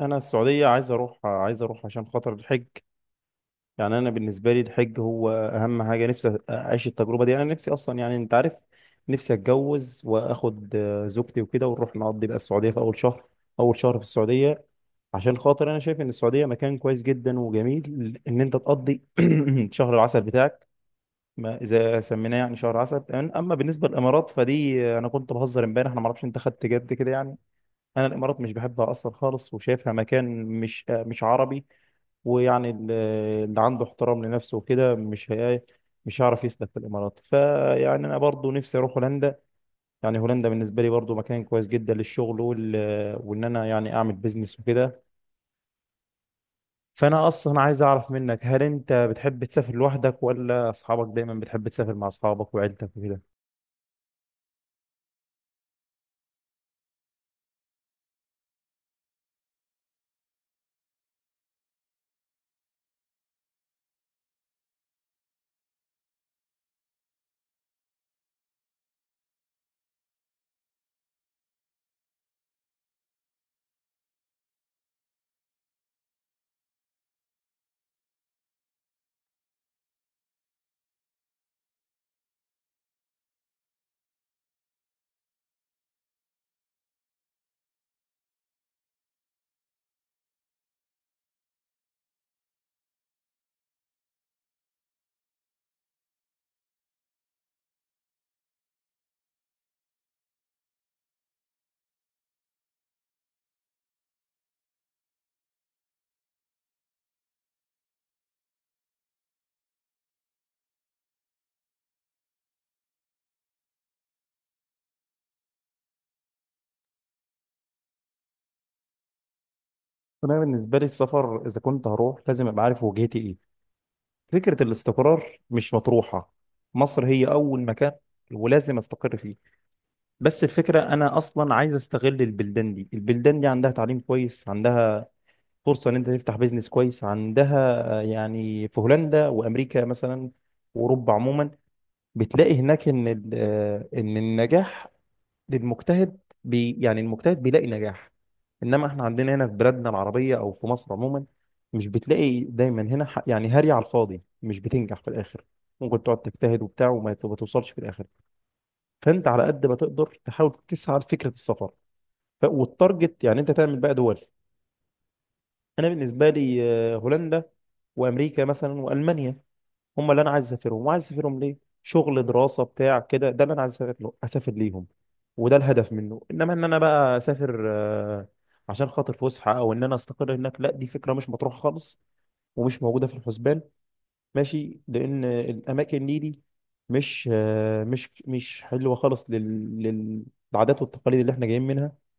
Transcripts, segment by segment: انا السعوديه عايز اروح عشان خاطر الحج. يعني انا بالنسبه لي الحج هو اهم حاجه، نفسي اعيش التجربه دي. انا نفسي اصلا، يعني انت عارف، نفسي اتجوز واخد زوجتي وكده ونروح نقضي بقى السعوديه في اول شهر، اول شهر في السعوديه. عشان خاطر انا شايف ان السعوديه مكان كويس جدا وجميل ان انت تقضي شهر العسل بتاعك، ما اذا سميناه يعني شهر عسل. اما بالنسبه للامارات فدي انا كنت بهزر امبارح، انا ما اعرفش انت خدت جد كده يعني. انا الامارات مش بحبها اصلا خالص، وشايفها مكان مش مش عربي. ويعني ال- اللي عنده احترام لنفسه وكده مش هيعرف يسلك في الامارات. فيعني انا برضو نفسي اروح هولندا. يعني هولندا بالنسبه لي برضو مكان كويس جدا للشغل وان انا يعني اعمل بيزنس وكده. فانا اصلا عايز اعرف منك، هل انت بتحب تسافر لوحدك، ولا اصحابك دايما، بتحب تسافر مع اصحابك وعيلتك وكده؟ انا بالنسبه لي السفر، اذا كنت هروح لازم ابقى عارف وجهتي ايه. فكرة الاستقرار مش مطروحة، مصر هي أول مكان ولازم استقر فيه. بس الفكرة أنا أصلا عايز أستغل البلدان دي، البلدان دي عندها تعليم كويس، عندها فرصة إن أنت تفتح بيزنس كويس، عندها يعني في هولندا وأمريكا مثلا وأوروبا عموما، بتلاقي هناك إن إن النجاح للمجتهد، بي يعني المجتهد بيلاقي نجاح. انما احنا عندنا هنا في بلادنا العربيه او في مصر عموما، مش بتلاقي دايما هنا يعني هاري على الفاضي، مش بتنجح في الاخر. ممكن تقعد تجتهد وبتاع وما ت- ما توصلش في الاخر. فانت على قد ما تقدر تحاول تسعى لفكره السفر، والتارجت يعني انت تعمل بقى دول. انا بالنسبه لي هولندا وامريكا مثلا والمانيا، هم اللي انا عايز اسافرهم. وعايز اسافرهم ليه؟ شغل، دراسه، بتاع كده، ده اللي انا عايز اسافر له، اسافر ليهم. وده الهدف منه. انما ان انا بقى اسافر عشان خاطر فسحه، او ان انا استقر هناك، لا دي فكره مش مطروحه خالص ومش موجوده في الحسبان. ماشي، لان الاماكن دي مش مش مش حلوه خالص للعادات والتقاليد اللي احنا جايين منها.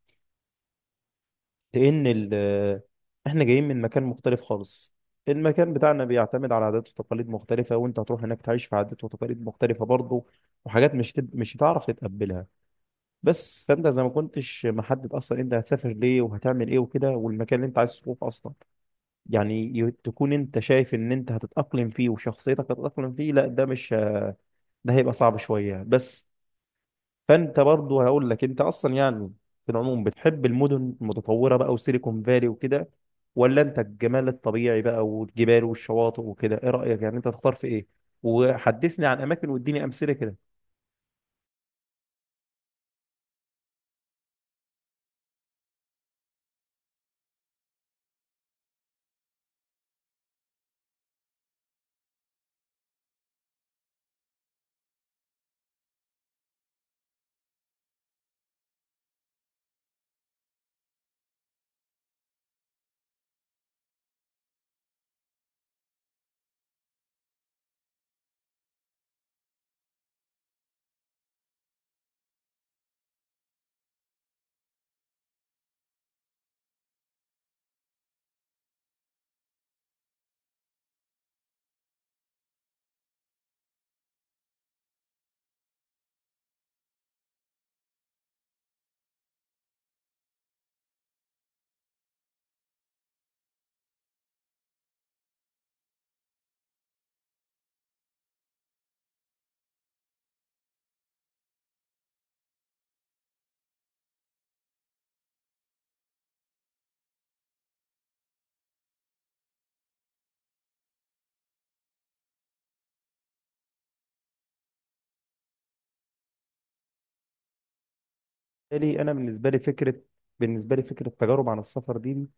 لان ال- احنا جايين من مكان مختلف خالص. المكان بتاعنا بيعتمد على عادات وتقاليد مختلفة، وانت هتروح هناك تعيش في عادات وتقاليد مختلفة برضه، وحاجات مش هتعرف تتقبلها بس. فانت زي ما كنتش محدد اصلا انت هتسافر ليه وهتعمل ايه وكده، والمكان اللي انت عايز تروح اصلا يعني تكون انت شايف ان انت هتتأقلم فيه وشخصيتك هتتأقلم فيه، لا ده مش، ده هيبقى صعب شوية بس. فانت برضو هقول لك، انت اصلا يعني في العموم بتحب المدن المتطوره بقى وسيليكون فالي وكده، ولا انت الجمال الطبيعي بقى والجبال والشواطئ وكده؟ ايه رايك يعني، انت تختار في ايه؟ وحدثني عن اماكن واديني امثله كده. بالي انا بالنسبه لي فكره بالنسبه لي فكره تجارب عن السفر دي،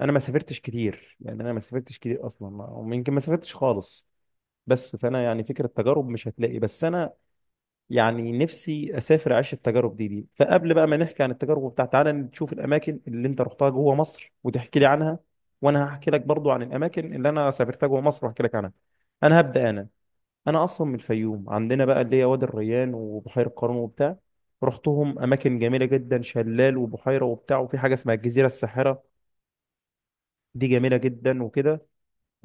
انا ما سافرتش كتير. يعني انا ما سافرتش كتير اصلا، ويمكن ما سافرتش خالص. بس فانا يعني فكره تجارب مش هتلاقي، بس انا يعني نفسي اسافر اعيش التجارب دي. فقبل بقى ما نحكي عن التجارب بتاعت، تعالى نشوف الاماكن اللي انت رحتها جوه مصر وتحكي لي عنها، وانا هحكي لك برضو عن الاماكن اللي انا سافرتها جوه مصر واحكي لك عنها. انا هبدا انا، انا اصلا من الفيوم، عندنا بقى اللي هي وادي الريان وبحيره قارون وبتاع. رحتهم، اماكن جميله جدا، شلال وبحيره وبتاع، وفي حاجه اسمها الجزيره الساحره، دي جميله جدا وكده.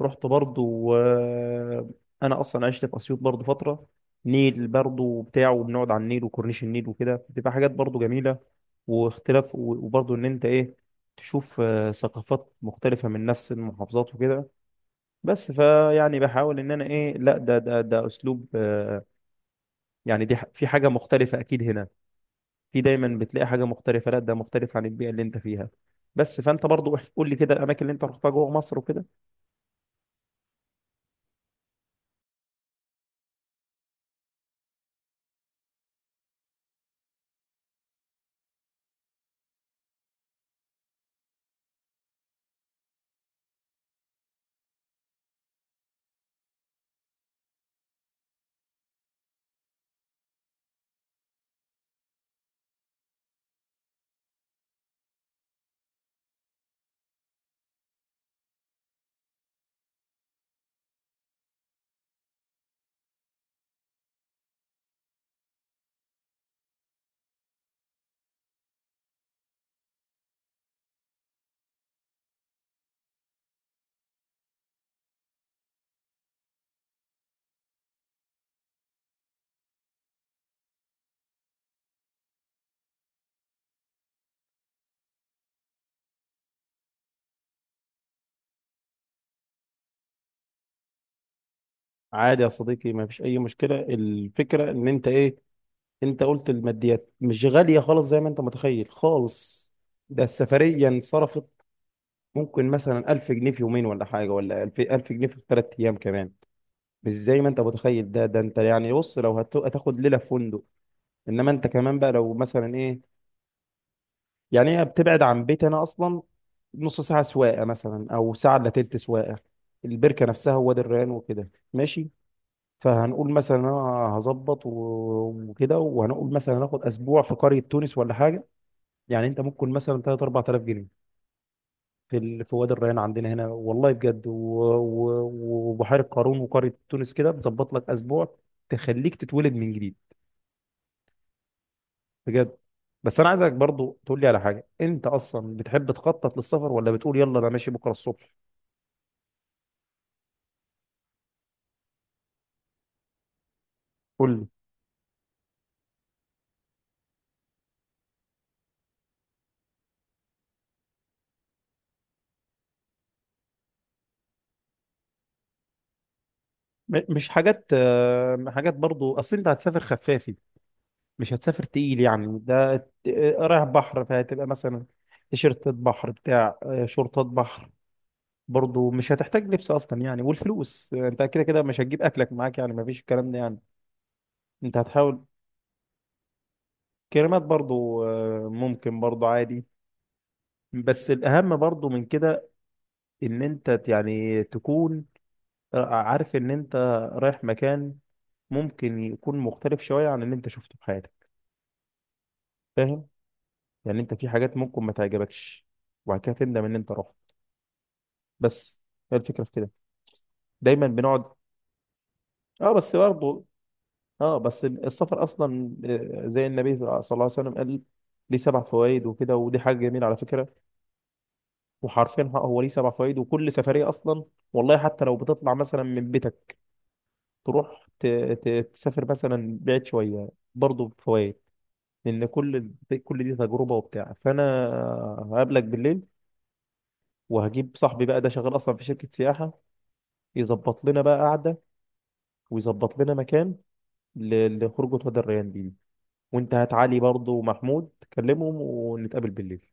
رحت برضو انا اصلا عشت في اسيوط برضو فتره، نيل برضو بتاعه، وبنقعد على النيل وكورنيش النيل وكده، بتبقى حاجات برضو جميله واختلاف وبرضو ان انت ايه، تشوف ثقافات مختلفه من نفس المحافظات وكده. بس فيعني بحاول ان انا ايه، لا ده اسلوب يعني دي في حاجه مختلفه اكيد هنا، في دايما بتلاقي حاجه مختلفه، لا ده مختلف عن البيئه اللي انت فيها بس. فانت برضو قول لي كده الاماكن اللي انت رحتها جوه مصر وكده. عادي يا صديقي، ما فيش اي مشكله. الفكره ان انت ايه، انت قلت الماديات مش غاليه خالص زي ما انت متخيل خالص. ده السفريه انصرفت ممكن مثلا 1000 جنيه في يومين ولا حاجه، ولا 1000 جنيه في ثلاث ايام كمان. مش زي ما انت متخيل، ده ده انت يعني بص، لو هتاخد ليله في فندق. انما انت كمان بقى لو مثلا ايه، يعني هي بتبعد عن بيت انا اصلا نص ساعه سواقه مثلا، او ساعه الا تلت سواقه، البركه نفسها وادي الريان وكده. ماشي، فهنقول مثلا انا هظبط وكده، وهنقول مثلا هناخد اسبوع في قريه تونس ولا حاجه. يعني انت ممكن مثلا 3 4000 جنيه في وادي الريان عندنا هنا، والله بجد، وبحيره قارون وقريه تونس كده، بتظبط لك اسبوع تخليك تتولد من جديد. بجد. بس انا عايزك برضو تقول لي على حاجه، انت اصلا بتحب تخطط للسفر، ولا بتقول يلا انا ماشي بكره الصبح؟ قول لي. مش حاجات حاجات برضو، اصل انت هتسافر خفافي، مش هتسافر تقيل. يعني رايح بحر، فهتبقى مثلا تيشيرتات بحر بتاع شورتات بحر. برضو مش هتحتاج لبس اصلا يعني. والفلوس انت كده كده مش هتجيب اكلك معاك، يعني مفيش الكلام ده يعني. انت هتحاول كلمات برضو ممكن برضو عادي. بس الاهم برضو من كده، ان انت يعني تكون عارف ان انت رايح مكان ممكن يكون مختلف شوية عن اللي انت شفته في حياتك. فاهم؟ يعني انت في حاجات ممكن ما تعجبكش، وبعد كده تندم ان انت رحت بس. هي الفكرة في كده. دايما بنقعد. اه بس برضه. اه بس السفر اصلا زي النبي صلى الله عليه وسلم قال، ليه 7 فوائد وكده، ودي حاجة جميلة على فكرة. وحرفيا هو ليه سبع فوائد. وكل سفرية اصلا والله، حتى لو بتطلع مثلا من بيتك تروح تسافر مثلا بعيد شوية، برضه بفوائد. لان كل، كل دي تجربة وبتاع. فانا هقابلك بالليل وهجيب صاحبي بقى، ده شغال اصلا في شركة سياحة، يظبط لنا بقى قعدة، ويظبط لنا مكان لخروجة هدى الريان دي. وانت هات علي برضه ومحمود، كلمهم ونتقابل بالليل.